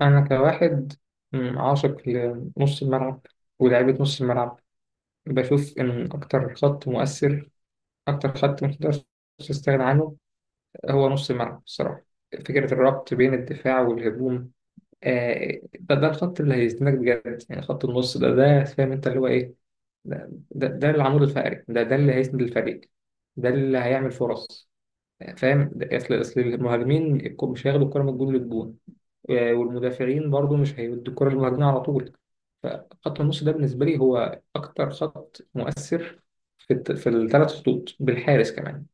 أنا كواحد عاشق لنص الملعب ولعيبة نص الملعب. بشوف إن أكتر خط مؤثر، أكتر خط متقدرش تستغنى عنه هو نص الملعب الصراحة. فكرة الربط بين الدفاع والهجوم، ده الخط اللي هيزنك بجد، يعني خط النص ده، فاهم أنت اللي هو إيه. ده العمود الفقري، ده اللي هيسند الفريق، ده اللي هيعمل فرص، فاهم؟ أصل المهاجمين مش هياخدوا الكرة من الجون للجون، والمدافعين برضو مش هيودوا الكرة للمهاجمين على طول. فخط النص ده بالنسبة لي هو أكتر خط مؤثر في في الثلاث خطوط بالحارس كمان.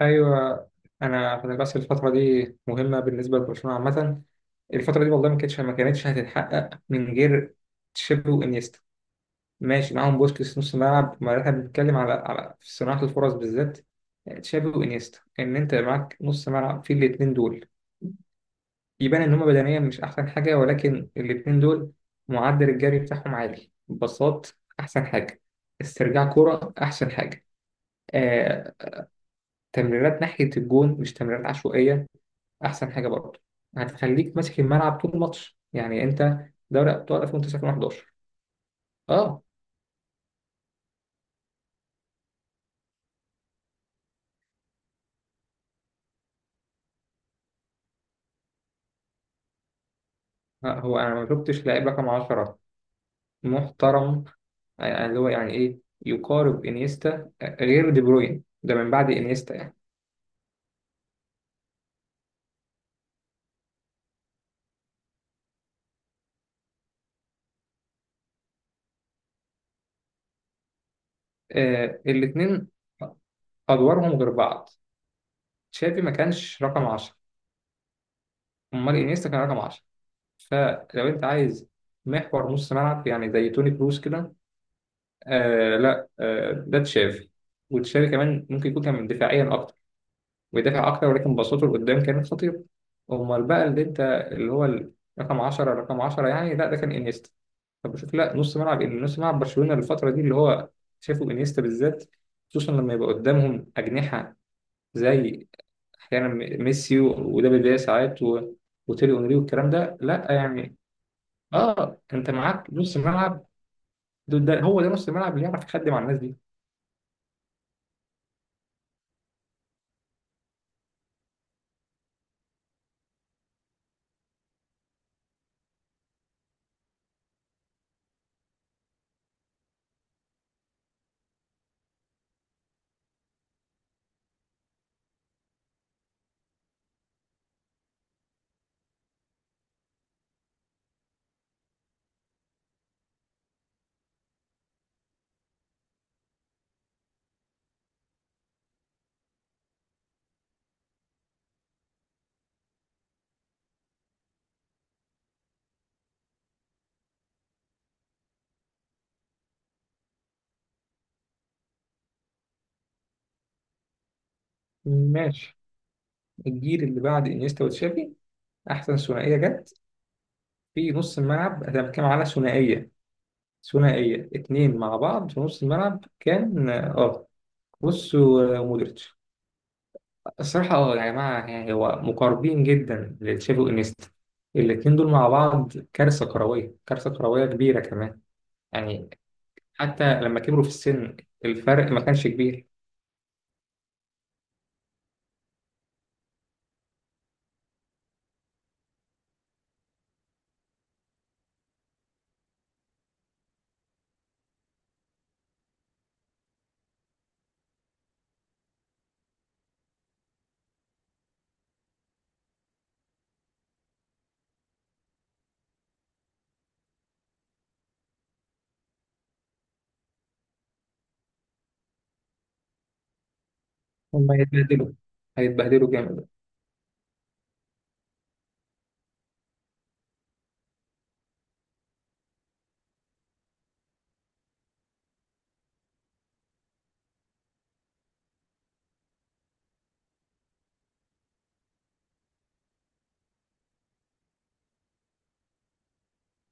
أيوه، أنا خلي بس الفترة دي مهمة بالنسبة لبرشلونة عامة. الفترة دي والله ما كانتش هتتحقق من غير تشيبي وانيستا. ماشي، معاهم بوسكيتس نص ملعب، ما احنا بنتكلم على في صناعة الفرص بالذات. تشابي وانيستا، انت معاك نص ملعب فيه الاتنين دول، يبان إن هما بدنيا مش أحسن حاجة، ولكن الاتنين دول معدل الجري بتاعهم عالي بساط أحسن حاجة، استرجاع كرة أحسن حاجة، آه، تمريرات ناحية الجون مش تمريرات عشوائية، أحسن حاجة برضه. هتخليك ماسك الملعب طول الماتش يعني أنت. دوري أبطال 2019. أه. هو أنا ما شفتش لاعب رقم 10 محترم، يعني اللي هو يعني إيه، يقارب إنيستا. غير دي بروين ده، من بعد إنيستا يعني. آه، الاتنين أدوارهم غير بعض. تشافي ما كانش رقم 10، امال انيستا كان رقم 10. فلو انت عايز محور نص ملعب يعني زي توني كروس كده، آه لا، آه ده تشافي. وتشافي كمان ممكن يكون كان دفاعيا اكتر، ويدافع اكتر، ولكن بساطته لقدام كانت خطيره. امال بقى اللي انت اللي هو ال- رقم 10 يعني، لا ده كان انيستا. طب بشوف، لا نص ملعب، نص ملعب برشلونه الفتره دي اللي هو شافوا انيستا بالذات، خصوصا لما يبقى قدامهم اجنحه زي احيانا ميسي ودافيد فيا ساعات وتيري اونري والكلام ده، لا يعني. اه انت معاك نص ملعب، ده ده- هو ده نص الملعب اللي يعرف يخدم على الناس دي. ماشي، الجيل اللي بعد انيستا وتشافي احسن ثنائيه جت في نص الملعب. انا بتكلم على ثنائيه، اتنين مع بعض في نص الملعب، كان اه بص ومودريتش. الصراحه اه يا جماعه، يعني هو مقاربين جدا لتشافي وانيستا. الاتنين دول مع بعض كارثه كرويه، كارثه كرويه كبيره كمان يعني. حتى لما كبروا في السن الفرق ما كانش كبير. هم هيتبهدلوا، هيتبهدلوا جامد.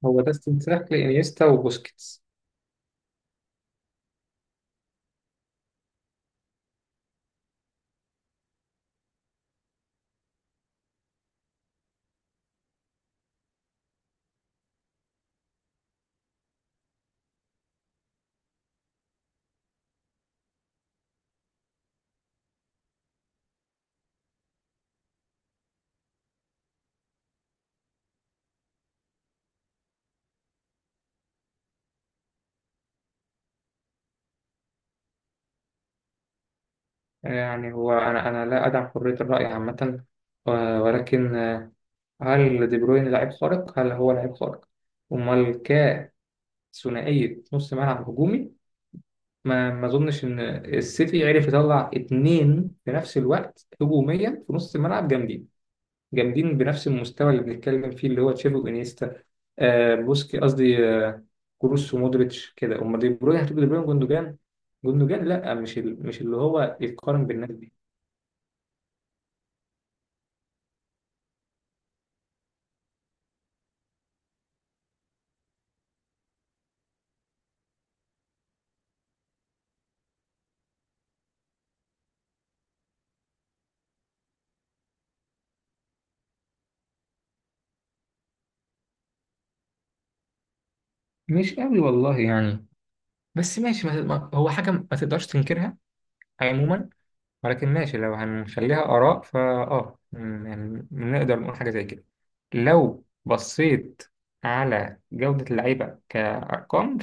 هو ده استنساخ لإنيستا وبوسكيتس. يعني هو أنا لا أدعم حرية الرأي عامة، و- ولكن هل دي بروين لاعب خارق؟ هل هو لاعب خارق؟ أمال، كثنائية نص ملعب هجومي، ما أظنش إن السيتي عرف يطلع اتنين في نفس الوقت هجوميا في نص الملعب جامدين، جامدين بنفس المستوى اللي بنتكلم فيه، اللي هو تشافي وانيستا. آه بوسكي قصدي، آه كروس ومودريتش كده. امال دي بروين هتبقى دي بروين جوندوجان؟ جوندوجان لا، مش اللي هو يتقارن بالناس دي. مش قوي والله يعني. بس ماشي، هو حاجة ما تقدرش تنكرها عموما. ولكن ماشي، لو هنخليها آراء فا اه يعني نقدر نقول حاجة زي كده. لو بصيت على جودة اللعيبة كأرقام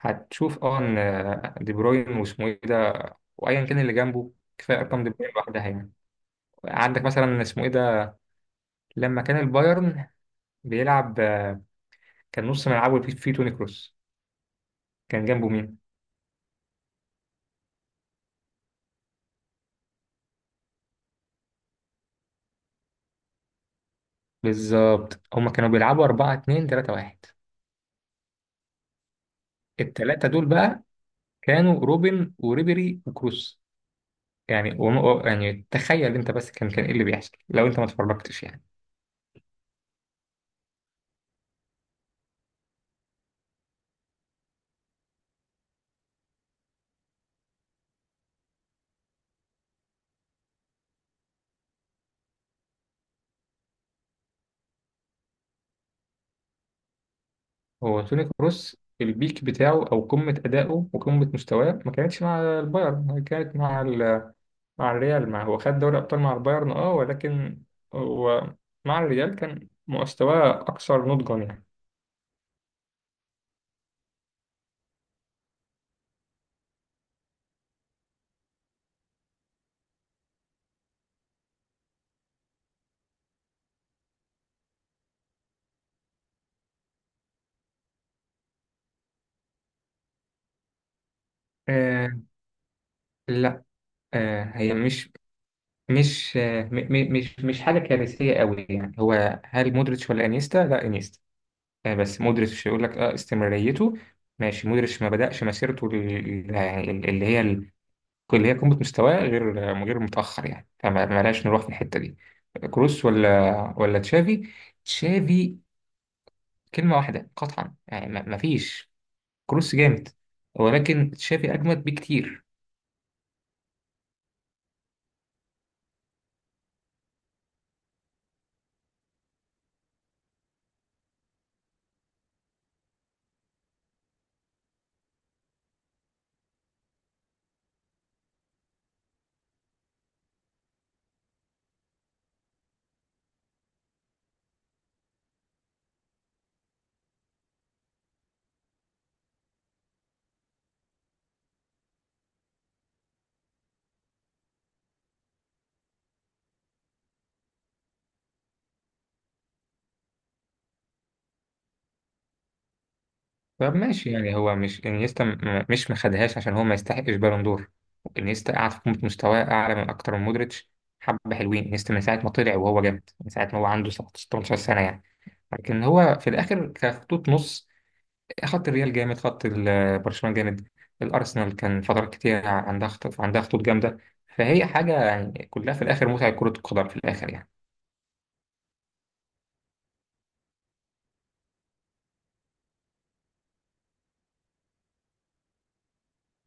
هتشوف اه ان دي بروين واسمه ايه ده، وايا كان اللي جنبه، كفايه ارقام دي بروين لوحدها يعني. عندك مثلا اسمه ايه ده، لما كان البايرن بيلعب كان نص ملعبه فيه توني كروس، كان جنبه مين؟ بالظبط، هما كانوا بيلعبوا 4-2-3-1. الثلاثه دول بقى كانوا روبن وريبيري وكروس. يعني يعني تخيل انت بس كان ايه اللي بيحصل لو انت ما اتفرجتش يعني. هو توني كروس البيك بتاعه او قمه ادائه وقمه مستواه ما كانتش مع البايرن، كانت مع ال، مع الريال. مع، هو خد دوري ابطال مع البايرن اه، ولكن هو مع الريال كان مستواه اكثر نضجا يعني. آه لا، آه هي مش مش آه م- مش حاجه كارثيه قوي يعني. هو هل مودريتش ولا انيستا؟ لا انيستا. آه بس مودريتش يقول لك اه استمراريته. ماشي، مودريتش ما بدأش مسيرته ال- يعني ال- اللي هي ال- اللي هي قمه مستواه غير غير متاخر يعني، فما ما لاش نروح في الحته دي. كروس ولا تشافي؟ تشافي، كلمة واحدة قطعا يعني، مفيش. كروس جامد ولكن تشافي أجمد بكتير. طب ماشي يعني هو مش انيستا مش مخدهاش عشان هو ما يستحقش بالون دور. انيستا قاعد في قمة مستواه أعلى من أكتر من مودريتش. حبة حلوين. انيستا من ساعة ما طلع وهو جامد، من ساعة ما هو عنده 17 سنة يعني. لكن هو في الآخر كخطوط نص، خط الريال جامد، خط برشلونة جامد، الأرسنال كان فترات كتير عندها خطوط، عندها خطوط جامدة. فهي حاجة يعني كلها في الآخر متعة كرة القدم في الآخر يعني.